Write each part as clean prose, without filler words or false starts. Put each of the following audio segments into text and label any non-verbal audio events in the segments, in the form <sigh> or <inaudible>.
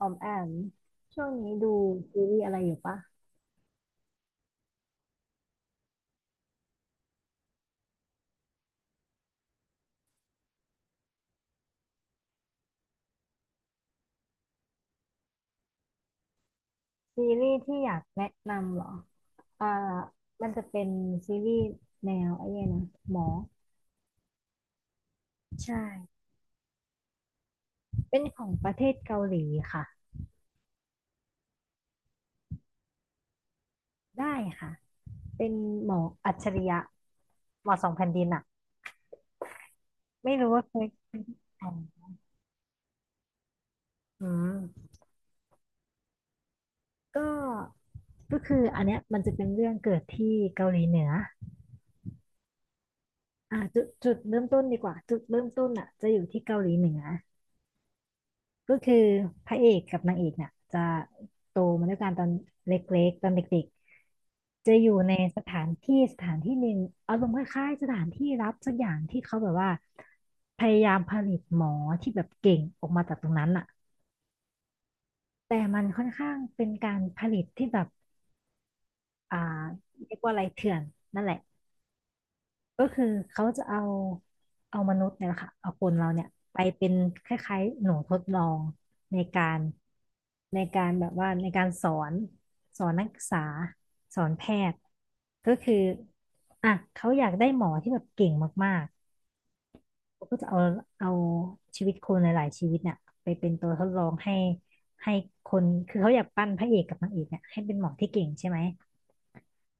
ออมแอมช่วงนี้ดูซีรีส์อะไรอยู่ปะซีรีส์ที่อยากแนะนำเหรออ่ามันจะเป็นซีรีส์แนวไอ้เนี่ยนะหมอใช่เป็นของประเทศเกาหลีค่ะได้ค่ะเป็นหมออัจฉริยะหมอสองแผ่นดินอะไม่รู้ว่าเคยอ่านอืมก็ก็คืออันเนี้ยมันจะเป็นเรื่องเกิดที่เกาหลีเหนือจุดเริ่มต้นดีกว่าจุดเริ่มต้นอ่ะจะอยู่ที่เกาหลีเหนือ ก็คือพระเอกกับนางเอกเนี่ยจะโตมาด้วยกันตอนเล็กๆตอนเด็กๆจะอยู่ในสถานที่หนึ่งอารมณ์คล้ายๆสถานที่รับสักอย่างที่เขาแบบว่าพยายามผลิตหมอที่แบบเก่งออกมาจากตรงนั้นอะแต่มันค่อนข้างเป็นการผลิตที่แบบอ่าเรียกว่าอะไรเถื่อนนั่นแหละ ก็คือเขาจะเอามนุษย์เนี่ยแหละค่ะเอาคนเราเนี่ยไปเป็นคล้ายๆหนูทดลองในการในการแบบว่าในการสอนนักศึกษาสอนแพทย์ก็คืออ่ะเขาอยากได้หมอที่แบบเก่งมากๆเขาก็จะเอาชีวิตคนหลายๆชีวิตเนี่ยไปเป็นตัวทดลองให้คนคือเขาอยากปั้นพระเอกกับนางเอกเนี่ยให้เป็นหมอที่เก่งใช่ไหม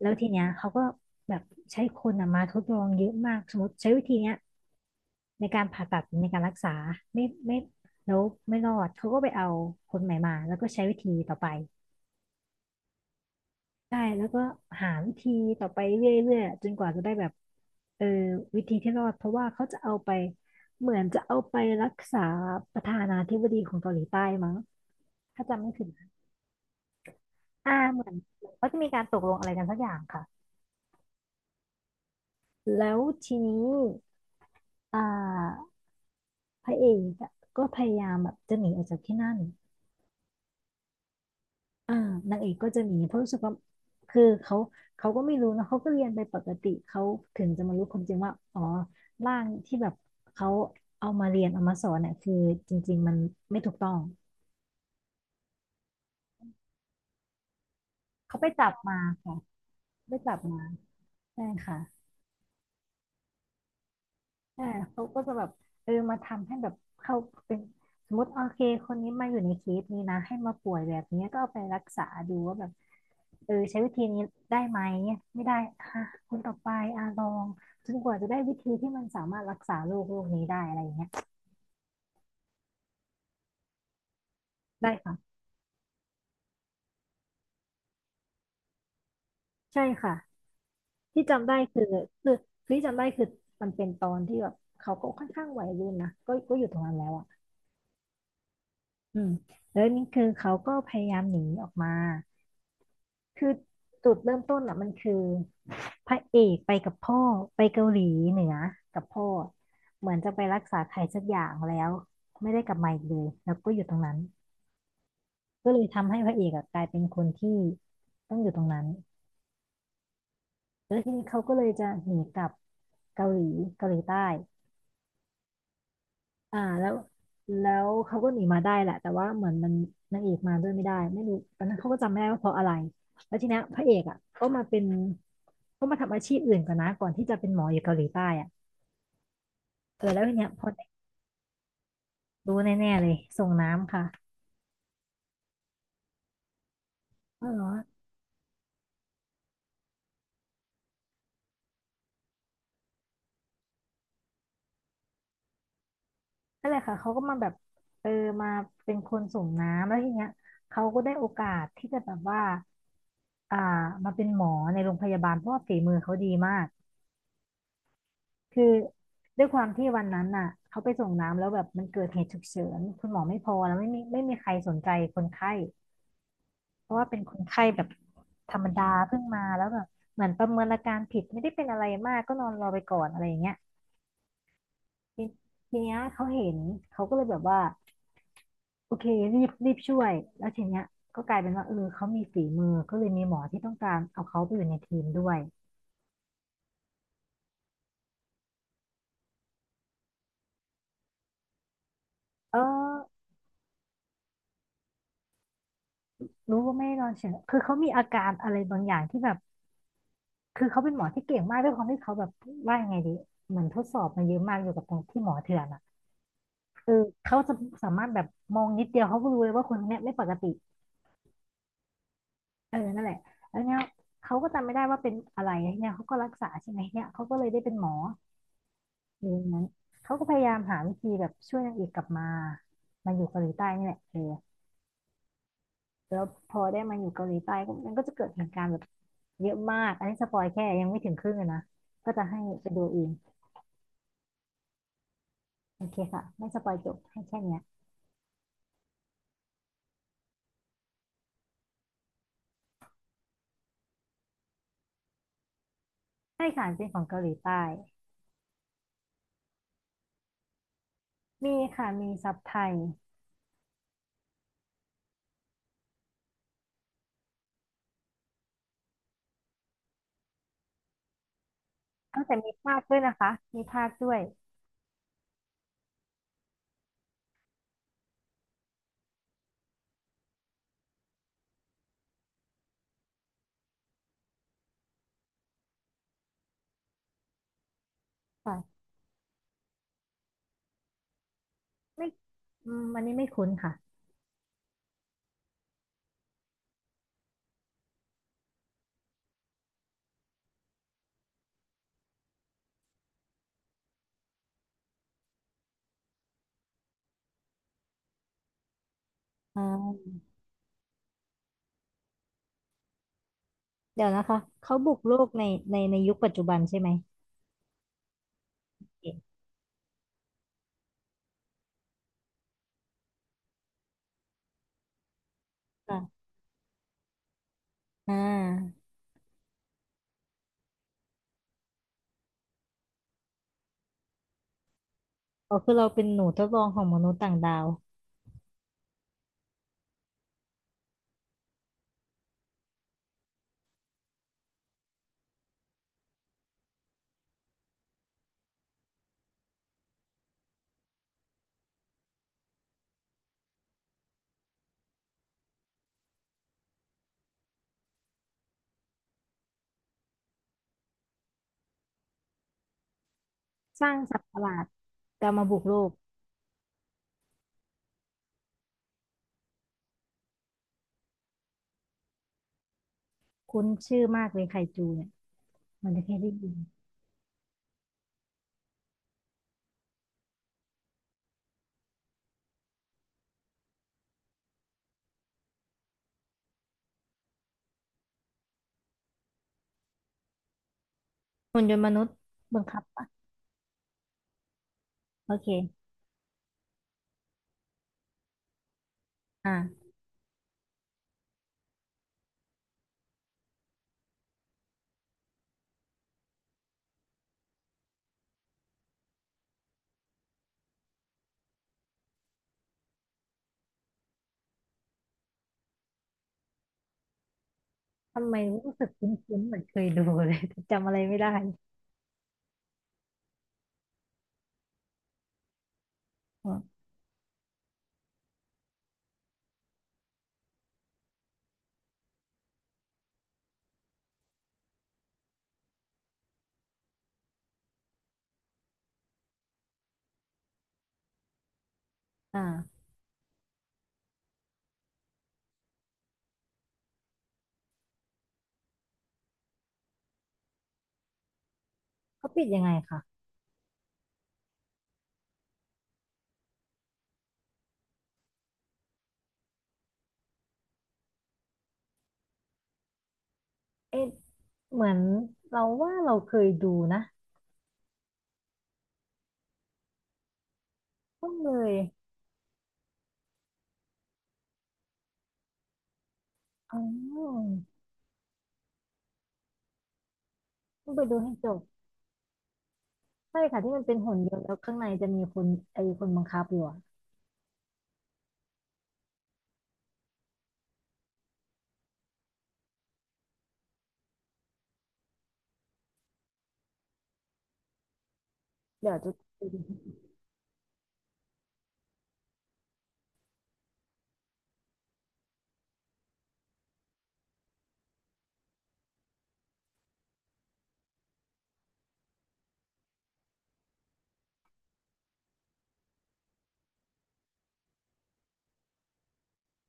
แล้วทีเนี้ยเขาก็แบบใช้คนอะมาทดลองเยอะมากสมมติใช้วิธีเนี้ย ในการผ่าตัดในการรักษาไม่ไม่แล้วไม่รอดเขาก็ไปเอาคนใหม่มาแล้วก็ใช้วิธีต่อไปใช่แล้วก็หาวิธีต่อไปเรื่อยๆจนกว่าจะได้แบบเออวิธีที่รอดเพราะว่าเขาจะเอาไปเหมือนจะเอาไปรักษาประธานาธิบดีของเกาหลีใต้มั้งถ้าจำไม่ผิดนะเหมือนเขาจะมีการตกลงอะไรกันสักอย่างค่ะแล้วทีนี้อ่าพระเอกอะก็พยายามแบบจะหนีออกจากที่นั่น อ่านางเอกก็จะหนีเพราะรู้สึกว่าคือเขาก็ไม่รู้นะเขาก็เรียนไปปกติเขาถึงจะมารู้ความจริงว่าอ๋อร่างที่แบบเขาเอามาเรียนเอามาสอนเนี่ยคือจริงๆมันไม่ถูกต้องเขาไปจับมาค่ะไปจับมาใช่ค่ะใช่เขาก็จะแบบเออมาทำให้แบบเขาเป็นสมมติโอเคคนนี้มาอยู่ในเคสนี้นะให้มาป่วยแบบนี้ก็เอาไปรักษาดูว่าแบบ เออใช้วิธีนี้ได้ไหมไม่ได้อ่ะคนต่อไปอ่ะลองจนกว่าจะได้วิธีที่มันสามารถรักษาโรคนี้ได้อะไรอย่างเงี้ยได้ค่ะใช่ค่ะที่จำได้คือคือที่จำได้คือมันเป็นตอนที่แบบเขาก็ค่อนข้างวัยรุ่นนะก็อยู่ตรงนั้นแล้วอ่ะอืมแล้วนี่คือเขาก็พยายามหนีออกมา คือจุดเริ่มต้นอ่ะมันคือพระเอกไปกับพ่อไปเกาหลีเหนือกับพ่อเหมือนจะไปรักษาใครสักอย่างแล้วไม่ได้กลับมาอีกเลยแล้วก็อยู่ตรงนั้นก็เลยทำให้พระเอกอะกลายเป็นคนที่ต้องอยู่ตรงนั้นแล้วทีนี้เขาก็เลยจะหนีกลับเกาหลีเกาหลีใต้ อ่าแล้วแล้วเขาก็หนีมาได้แหละแต่ว่าเหมือนมันนางเอกมาด้วยไม่ได้ไม่รู้ตอนนั้นเขาก็จำไม่ได้ว่าเพราะอะไรแล้วทีเนี้ยพระเอกอ่ะก็มาทำอาชีพอื่นก่อนนะก่อนที่จะเป็นหมออยู่เกาหลีใต้อ่ะเออแล้วทีเนี้ยพอรู้แน่ๆเลยส่งน้ำค่ะเออเหรอนั่นแหละค่ะเขาก็มาแบบเออมาเป็นคนส่งน้ำแล้วทีเนี้ยเขาก็ได้โอกาสที่จะแบบว่าอ่ามาเป็นหมอในโรงพยาบาลเพราะว่าฝีมือเขาดีมาก คือด้วยความที่วันนั้นน่ะเขาไปส่งน้ำแล้วแบบมันเกิดเหตุฉุกเฉินคุณหมอไม่พอแล้วไม่มีใครสนใจคนไข้เพราะว่าเป็นคนไข้แบบธรรมดาเพิ่งมาแล้วแบบเหมือนประเมินอาการผิดไม่ได้เป็นอะไรมากก็นอนรอไปก่อนอะไรอย่างเงี้ยทีทีเนี้ยเขาเห็นเขาก็เลยแบบว่าโอเครีบช่วยแล้วทีเนี้ยก็กลายเป็นว่าเออเขามีฝีมือก็เลยมีหมอที่ต้องการเอาเขาไปอยู่ในทีมด้วยเออรู้ว่าไม่ได้นอนเฉยคือเขามีอาการอะไรบางอย่างที่แบบ คือเขาเป็นหมอที่เก่งมากด้วยความที่เขาแบบว่ายังไงดีเหมือนทดสอบมาเยอะมากอยู่กับตรงที่หมอเถื่อนอ่ะเออเขาจะสามารถแบบมองนิดเดียวเขาก็รู้เลยว่าคนคนเนี้ยไม่ปกตินั่นแหละแล้วเนี้ยเขาก็จำไม่ได้ว่าเป็นอะไรเนี่ยเขาก็รักษาใช่ไหมเนี่ยเขาก็เลยได้เป็นหมออยู่อย่างนั้นเขาก็พยายามหาวิธีแบบช่วยนางเอกกลับมามาอยู่เกาหลีใต้นี่แหละแล้วพอได้มาอยู่เกาหลีใต้ก็มันก็จะเกิดเหตุการณ์แบบเยอะมากอันนี้สปอยแค่ยังไม่ถึงครึ่งเลยนะก็จะให้ไปดูเองโอเคค่ะไม่สปอยจบให้แค่เนี้ย ใช่ค่ะเป็นของเกาหลีใต้มีค่ะมีซับไทยกงแต่มีภาคด้วยนะคะมีภาคด้วยค่ะไม่อืมอันนี้ไม่คุ้นค่ะอ่าเดี๋ยวนะคะเขาบุกโลกในในยุคปัจจุบันใช่ไหมเอ๊ะค่ะอ่าอ๋อคือเราเป็นหนูทดลองของมนุษย์ต่างดาวสร้างสัตว์ประหลาดจะมาบุกโลกคุ้นชื่อมากเลยไคจูเนี่ยมันจะแค่ได้ยินหุ่นยนต์มนุษย์บังคับปะโอเคอ่าทำไมรู้สึกคุ้นๆเหมือนเคยดูเลย <laughs> แต่จำอะไรไม่ได้อออ่า เขาปิดยังไงคะเอ๊ะเหมือนเราว่าเราเคยดูนะต้องเลยอ๋อต้องไปดูให้จบใช่ค่ะที่มันเป็นหุ่นยนต์แล้วข้างในจะมีคนไอ้คนบังคับอยู่อะเดี๋ยวจะไปดู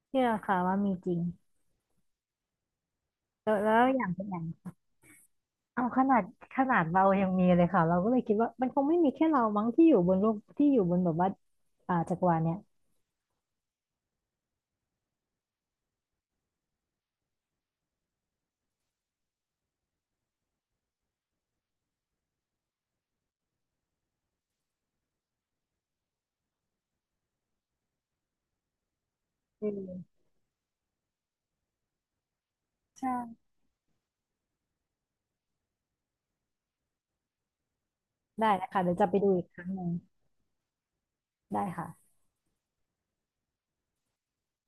เชื่อค่ะว่ามีจริงแล้วแล้วอย่างเป็นอย่างเอาขนาดขนาดเรายังมีเลยค่ะเราก็เลยคิดว่ามันคงไม่มีแค่เรามั้งที่อยู่บนโลกที่อยู่บนแบบว่าอ่าจักรวาลเนี่ยอืมใช่ได้นะคะเดี๋ยวจะไปดูอีกครั้งหนึ่งได้ค่ะ